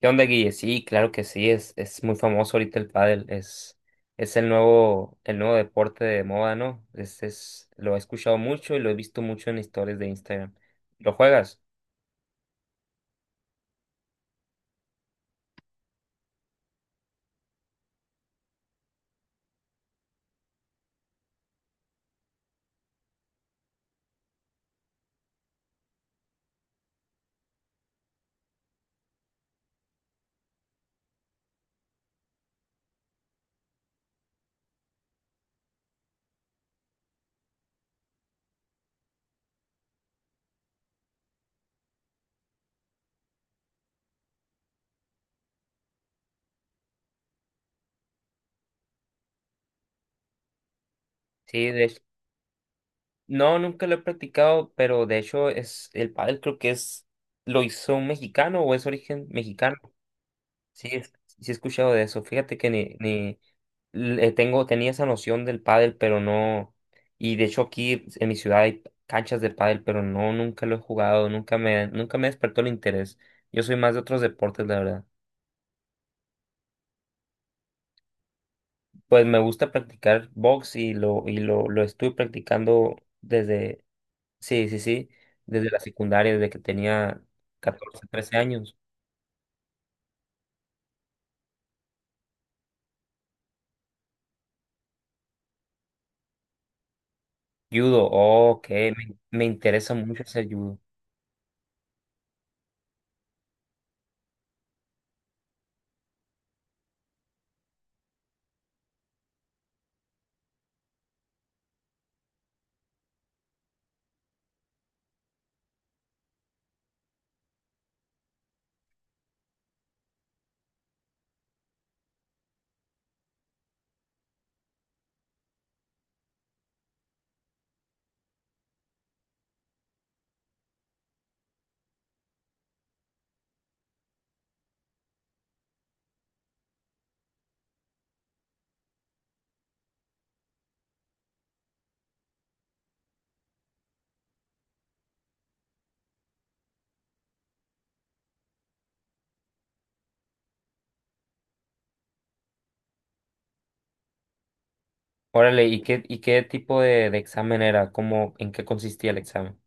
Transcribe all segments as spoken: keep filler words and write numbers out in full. ¿Qué onda, Guille? Sí, claro que sí, es, es muy famoso ahorita el pádel, es, es el nuevo, el nuevo deporte de moda, ¿no? Es, es, lo he escuchado mucho y lo he visto mucho en historias de Instagram. ¿Lo juegas? Sí, de hecho- no, nunca lo he practicado, pero de hecho es, el pádel creo que es, lo hizo un mexicano o es origen mexicano. Sí, es- sí he escuchado de eso. Fíjate que ni, ni le tengo, tenía esa noción del pádel, pero no. Y de hecho aquí en mi ciudad hay canchas de pádel, pero no, nunca lo he jugado, nunca me, nunca me despertó el interés. Yo soy más de otros deportes, la verdad. Pues me gusta practicar box y lo, y lo, lo estuve practicando desde, sí, sí, sí, desde la secundaria, desde que tenía catorce trece años. Judo, oh, ok, me, me interesa mucho hacer judo. Órale, ¿y qué, y qué tipo de, de examen era? ¿Cómo, en qué consistía el examen?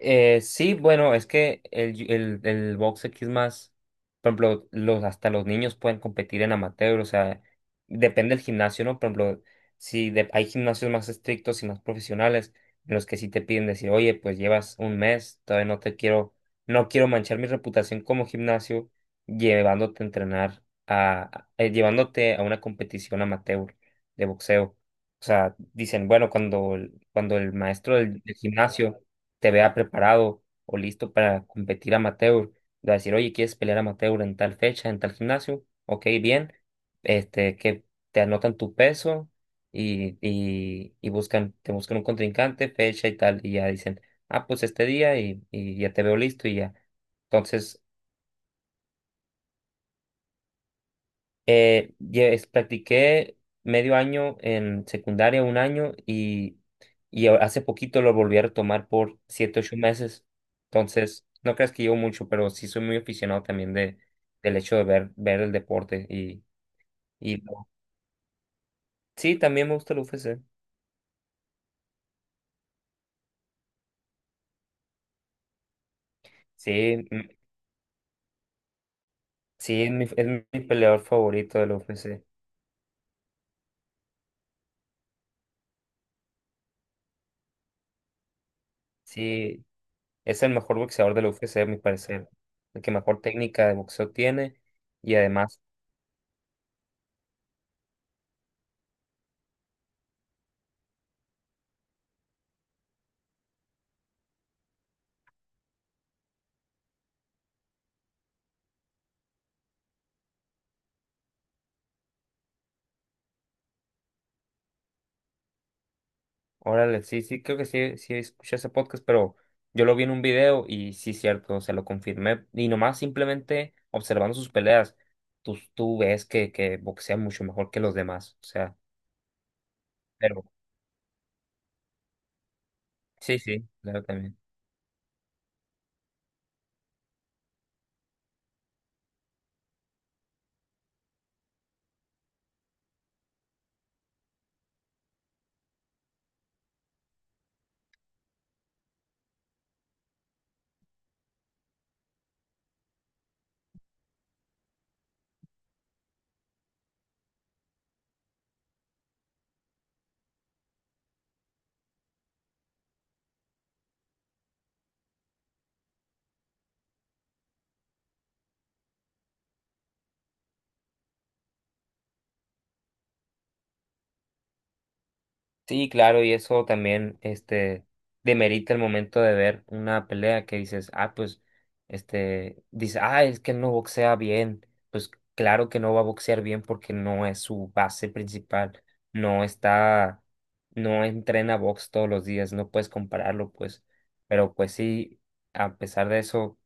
Eh, sí, bueno, es que el, el, el box aquí es más, por ejemplo, los, hasta los niños pueden competir en amateur, o sea, depende del gimnasio, ¿no? Por ejemplo, si de- hay gimnasios más estrictos y más profesionales, en los que sí te piden decir, oye, pues llevas un mes, todavía no te quiero, no quiero manchar mi reputación como gimnasio llevándote a entrenar a, eh, llevándote a una competición amateur de boxeo. O sea, dicen, bueno, cuando, el- cuando el maestro del del gimnasio te vea preparado o listo para competir amateur, de decir, oye, ¿quieres pelear amateur en tal fecha, en tal gimnasio? Ok, bien, este, que te anotan tu peso y, y, y buscan, te buscan un contrincante, fecha y tal, y ya dicen, ah, pues este día y, y ya te veo listo y ya. Entonces, Eh, ya es- practiqué medio año en secundaria, un año, y, y a- hace poquito lo volví a retomar por siete, ocho meses. Entonces, no creas que llevo mucho, pero sí soy muy aficionado también de, del hecho de ver, ver el deporte. Y, y sí, también me gusta el U F C. Sí, mm, sí, es mi, es mi peleador favorito del U F C. Sí, es el mejor boxeador del U F C, a mi parecer. El que mejor técnica de boxeo tiene. Y además. Órale, sí, sí, creo que sí, sí escuché ese podcast, pero yo lo vi en un video y sí, cierto, o sea, lo confirmé. Y nomás simplemente observando sus peleas, tú, tú ves que, que boxea mucho mejor que los demás, o sea, pero sí, sí, claro también. Sí, claro, y eso también, este, demerita el momento de ver una pelea que dices, ah, pues, este, dice, ah, es que no boxea bien. Pues claro que no va a boxear bien porque no es su base principal, no está, no entrena box todos los días, no puedes compararlo, pues. Pero pues sí, a pesar de eso,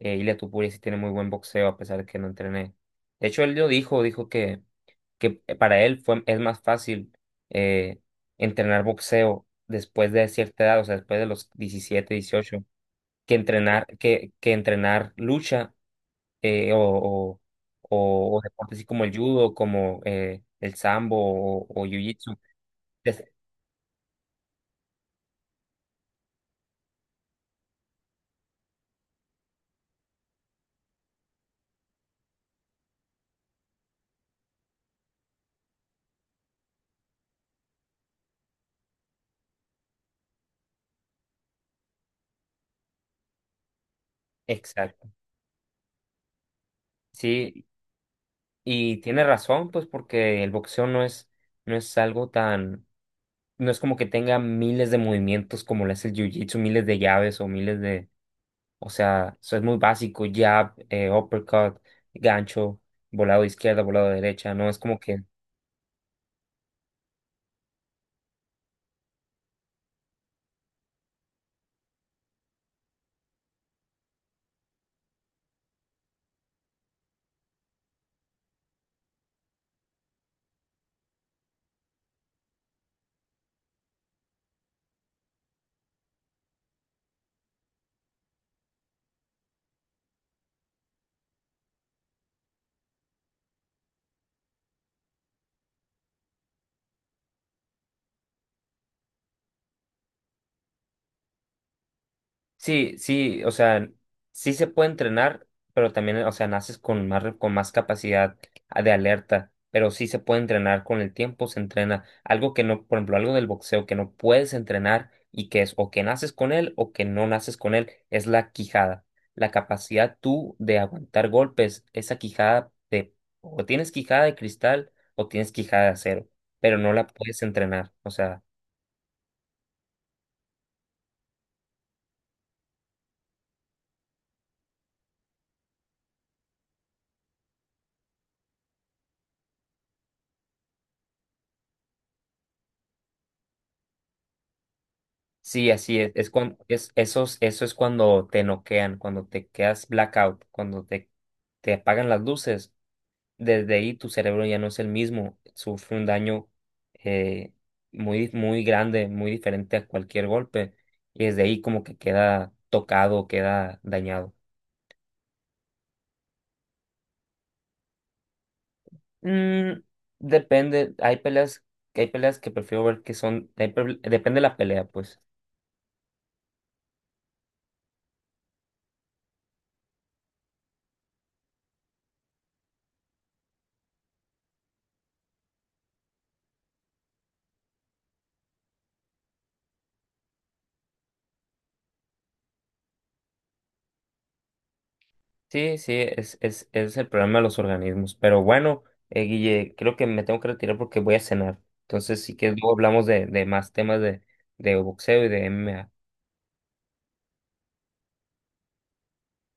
eh, Ilia Topuria sí tiene muy buen boxeo a pesar de que no entrené. De hecho, él lo dijo, dijo que, que eh, para él fue, es más fácil. eh, Entrenar boxeo después de cierta edad, o sea, después de los diecisiete dieciocho que entrenar, que, que entrenar lucha eh, o, o, o- o deportes así como el judo, como eh, el sambo o, o jiu-jitsu. Es- Exacto. Sí, y tiene razón, pues porque el boxeo no es, no es algo tan, no es como que tenga miles de movimientos como lo es el jiu-jitsu, miles de llaves o miles de. O sea, eso es muy básico, jab, eh, uppercut, gancho, volado de izquierda, volado de derecha, no es como que. Sí, sí, o sea, sí se puede entrenar, pero también, o sea, naces con más, re- con más capacidad de alerta, pero sí se puede entrenar con el tiempo, se entrena. Algo que no, por ejemplo, algo del boxeo que no puedes entrenar y que es o que naces con él o que no naces con él, es la quijada. La capacidad tú de aguantar golpes, esa quijada de, o tienes quijada de cristal o tienes quijada de acero, pero no la puedes entrenar, o sea. Sí, así es. Es cuando, es, esos, eso es cuando te noquean, cuando te quedas blackout, cuando te, te apagan las luces. Desde ahí tu cerebro ya no es el mismo, sufre un daño eh, muy, muy grande, muy diferente a cualquier golpe. Y desde ahí como que queda tocado, queda dañado. Mm, depende, hay peleas, que hay peleas que prefiero ver que son, hay pel- depende de la pelea, pues. Sí, sí, es, es, es el problema de los organismos. Pero bueno, eh, Guille, creo que me tengo que retirar porque voy a cenar. Entonces, si quieres, luego hablamos de, de más temas de, de boxeo y de M M A.